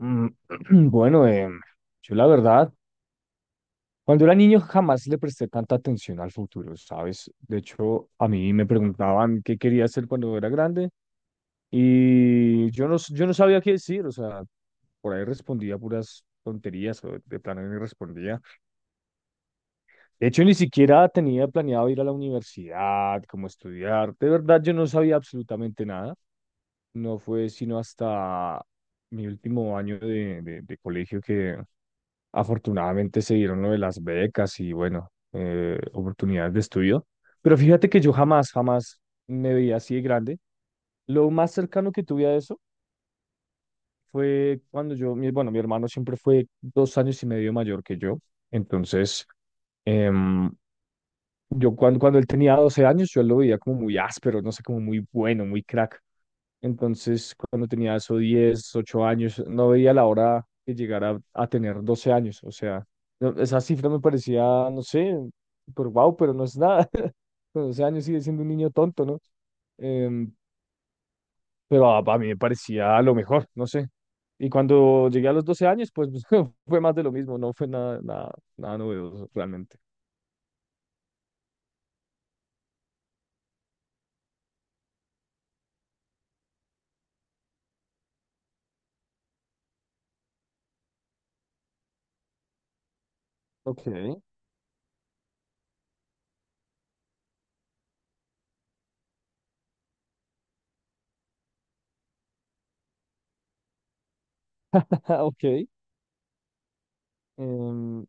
Mm, Bueno, yo la verdad, cuando era niño jamás le presté tanta atención al futuro, ¿sabes? De hecho, a mí me preguntaban qué quería hacer cuando era grande y yo no, yo no sabía qué decir, o sea, por ahí respondía puras tonterías o de plano ni respondía. De hecho, ni siquiera tenía planeado ir a la universidad, como estudiar. De verdad, yo no sabía absolutamente nada. No fue sino hasta mi último año de colegio que... Afortunadamente se dieron lo de las becas y bueno, oportunidades de estudio. Pero fíjate que yo jamás, jamás me veía así de grande. Lo más cercano que tuve a eso fue cuando yo, mi, bueno, mi hermano siempre fue 2 años y medio mayor que yo. Entonces, em, yo cuando él tenía 12 años, yo lo veía como muy áspero, no sé, como muy bueno, muy crack. Entonces, cuando tenía eso 10 8 años, no veía la hora que llegara a tener 12 años. O sea, esa cifra me parecía, no sé, por wow, pero no es nada. Con 12 años sigue siendo un niño tonto, ¿no? Em, pero a mí me parecía lo mejor, no sé. Y cuando llegué a los 12 años, pues fue más de lo mismo, no fue nada, nada, nada novedoso realmente. Ok. Ok. em,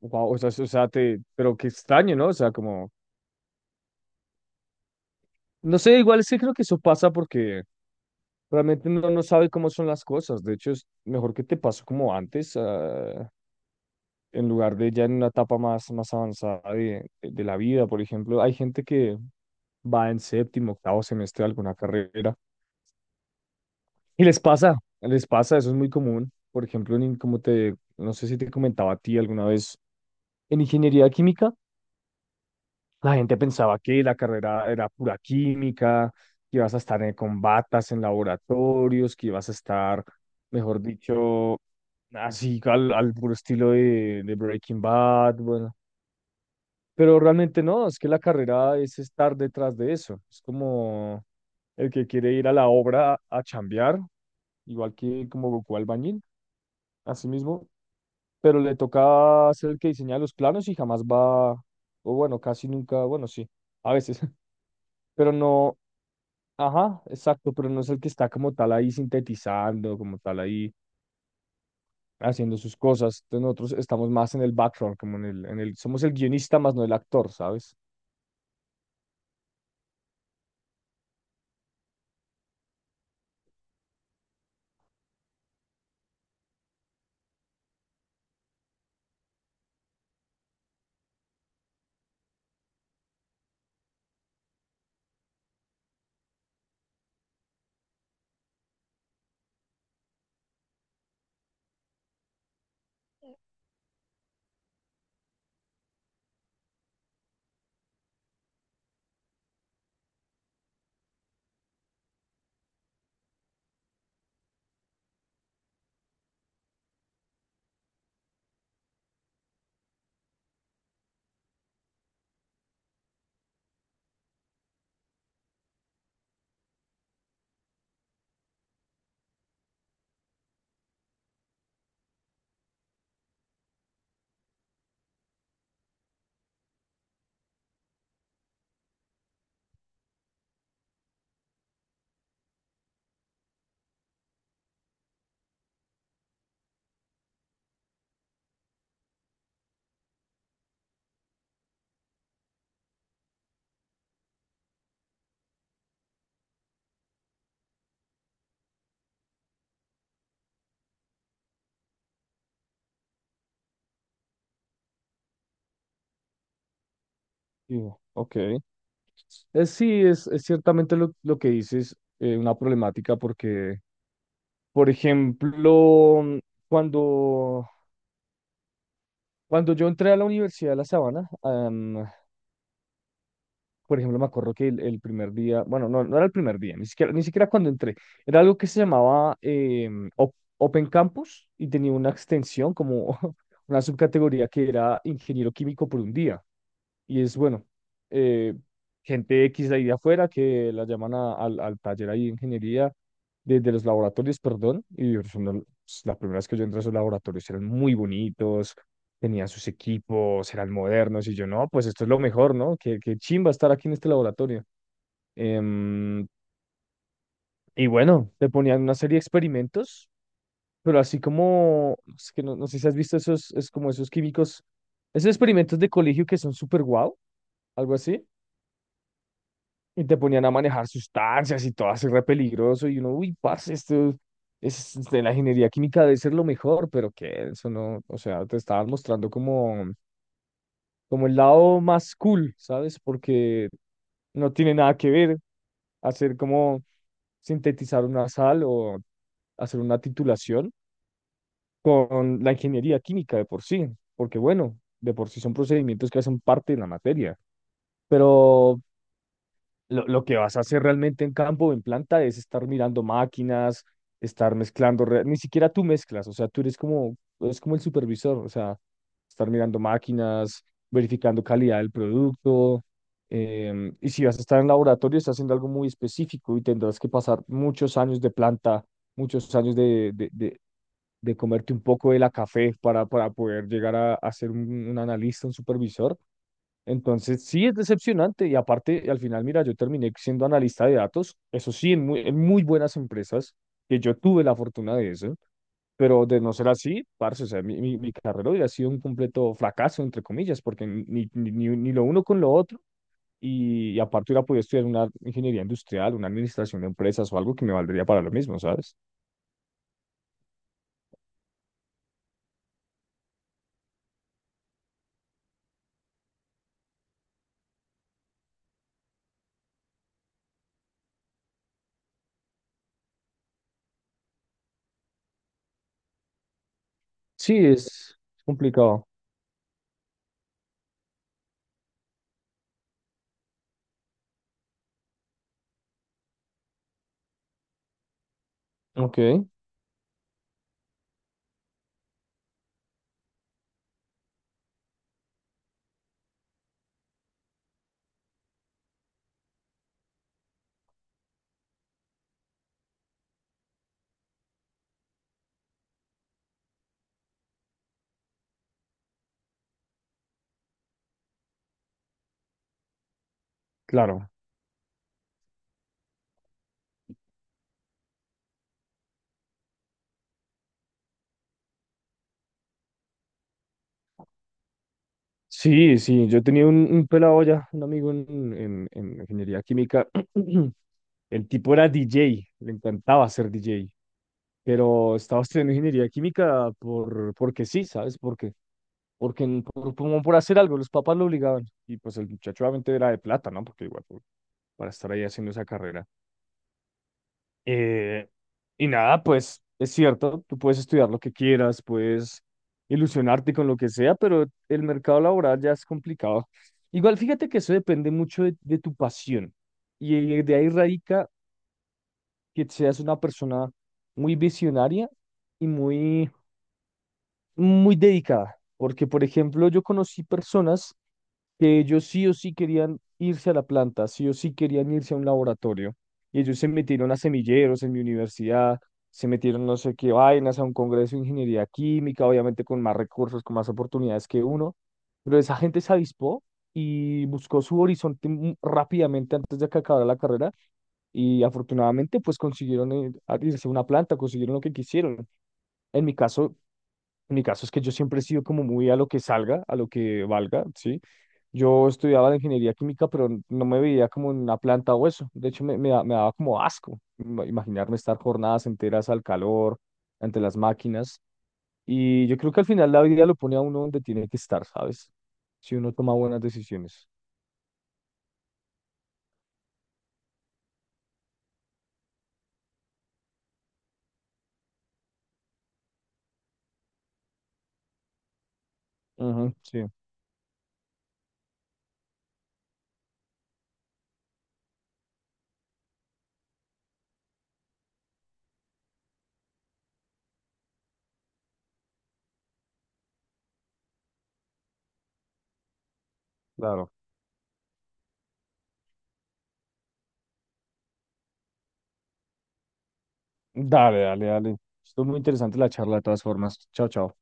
wow, o sea, pero qué extraño, ¿no? O sea, como no sé, igual sí creo que eso pasa porque realmente uno no sabe cómo son las cosas. De hecho, es mejor que te pase como antes, en lugar de ya en una etapa más, más avanzada de la vida. Por ejemplo, hay gente que va en séptimo, octavo semestre de alguna carrera y les pasa, eso es muy común. Por ejemplo, como te, no sé si te comentaba a ti alguna vez, en ingeniería química. La gente pensaba que la carrera era pura química, que ibas a estar en, con batas en laboratorios, que ibas a estar, mejor dicho, así al puro estilo de Breaking Bad, bueno. Pero realmente no, es que la carrera es estar detrás de eso. Es como el que quiere ir a la obra a chambear, igual que como Goku Albañil, así mismo. Pero le toca ser el que diseña los planos y jamás va, o bueno, casi nunca, bueno, sí, a veces, pero no. Ajá, exacto, pero no es el que está como tal ahí sintetizando, como tal ahí haciendo sus cosas. Entonces nosotros estamos más en el background, como somos el guionista más no el actor, ¿sabes? Digo, ok. Sí, es ciertamente lo que dices, una problemática porque, por ejemplo, cuando, cuando yo entré a la Universidad de La Sabana. Por ejemplo, me acuerdo que el primer día, bueno, no, no era el primer día, ni siquiera cuando entré, era algo que se llamaba Open Campus y tenía una extensión como una subcategoría que era ingeniero químico por un día. Y es bueno, eh, gente X de ahí de afuera que la llaman al taller ahí de ingeniería, desde los laboratorios, perdón, y son las primeras que yo entré a esos laboratorios eran muy bonitos, tenían sus equipos, eran modernos, y yo, no, pues esto es lo mejor, ¿no? Qué, qué chimba estar aquí en este laboratorio. Em, y bueno, te ponían una serie de experimentos, pero así como, es que no, no sé si has visto esos, es como esos químicos, esos experimentos de colegio que son súper guau, algo así. Y te ponían a manejar sustancias y todo así re peligroso. Y uno, uy, parce, esto es de la ingeniería química debe ser lo mejor, pero que eso no, o sea, te estaban mostrando como, el lado más cool, ¿sabes? Porque no tiene nada que ver hacer como sintetizar una sal o hacer una titulación con la ingeniería química de por sí, porque bueno, de por sí son procedimientos que hacen parte de la materia. Pero lo, lo que vas a hacer realmente en campo o en planta es estar mirando máquinas, estar mezclando, ni siquiera tú mezclas, o sea, tú eres como, es como el supervisor, o sea, estar mirando máquinas, verificando calidad del producto, y si vas a estar en laboratorio, estás haciendo algo muy específico y tendrás que pasar muchos años de planta muchos años de comerte un poco de la café para poder llegar a ser un analista, un supervisor. Entonces, sí es decepcionante y aparte, al final, mira, yo terminé siendo analista de datos, eso sí, en muy buenas empresas, que yo tuve la fortuna de eso, pero de no ser así, parce, o sea, mi carrera hubiera sido un completo fracaso, entre comillas, porque ni lo uno con lo otro, y aparte hubiera podido estudiar una ingeniería industrial, una administración de empresas o algo que me valdría para lo mismo, ¿sabes? Sí, es complicado. Ok, claro. Sí, sí, yo tenía un pelado ya, un amigo en ingeniería química. El tipo era DJ, le encantaba ser DJ, pero estaba estudiando ingeniería química porque sí, ¿sabes? Porque como por hacer algo, los papás lo obligaban. Y pues el muchacho obviamente era de plata, ¿no? Porque igual, pues, para estar ahí haciendo esa carrera. Eh, y nada, pues es cierto, tú puedes estudiar lo que quieras, puedes ilusionarte con lo que sea, pero el mercado laboral ya es complicado. Igual fíjate que eso depende mucho de tu pasión y de ahí radica que seas una persona muy visionaria y muy muy dedicada, porque por ejemplo yo conocí personas que ellos sí o sí querían irse a la planta, sí o sí querían irse a un laboratorio, y ellos se metieron a semilleros en mi universidad, se metieron no sé qué vainas a un congreso de ingeniería química, obviamente con más recursos, con más oportunidades que uno, pero esa gente se avispó y buscó su horizonte rápidamente antes de que acabara la carrera y afortunadamente pues consiguieron irse a una planta, consiguieron lo que quisieron. En mi caso, en mi caso es que yo siempre he sido como muy a lo que salga, a lo que valga, ¿sí? Yo estudiaba la ingeniería química, pero no me veía como en una planta o eso. De hecho, me daba como asco imaginarme estar jornadas enteras al calor, ante las máquinas. Y yo creo que al final la vida lo pone a uno donde tiene que estar, ¿sabes? Si uno toma buenas decisiones. Ujú, sí, claro. Dale, dale, dale. Estuvo muy interesante la charla de todas formas. Chao, chao.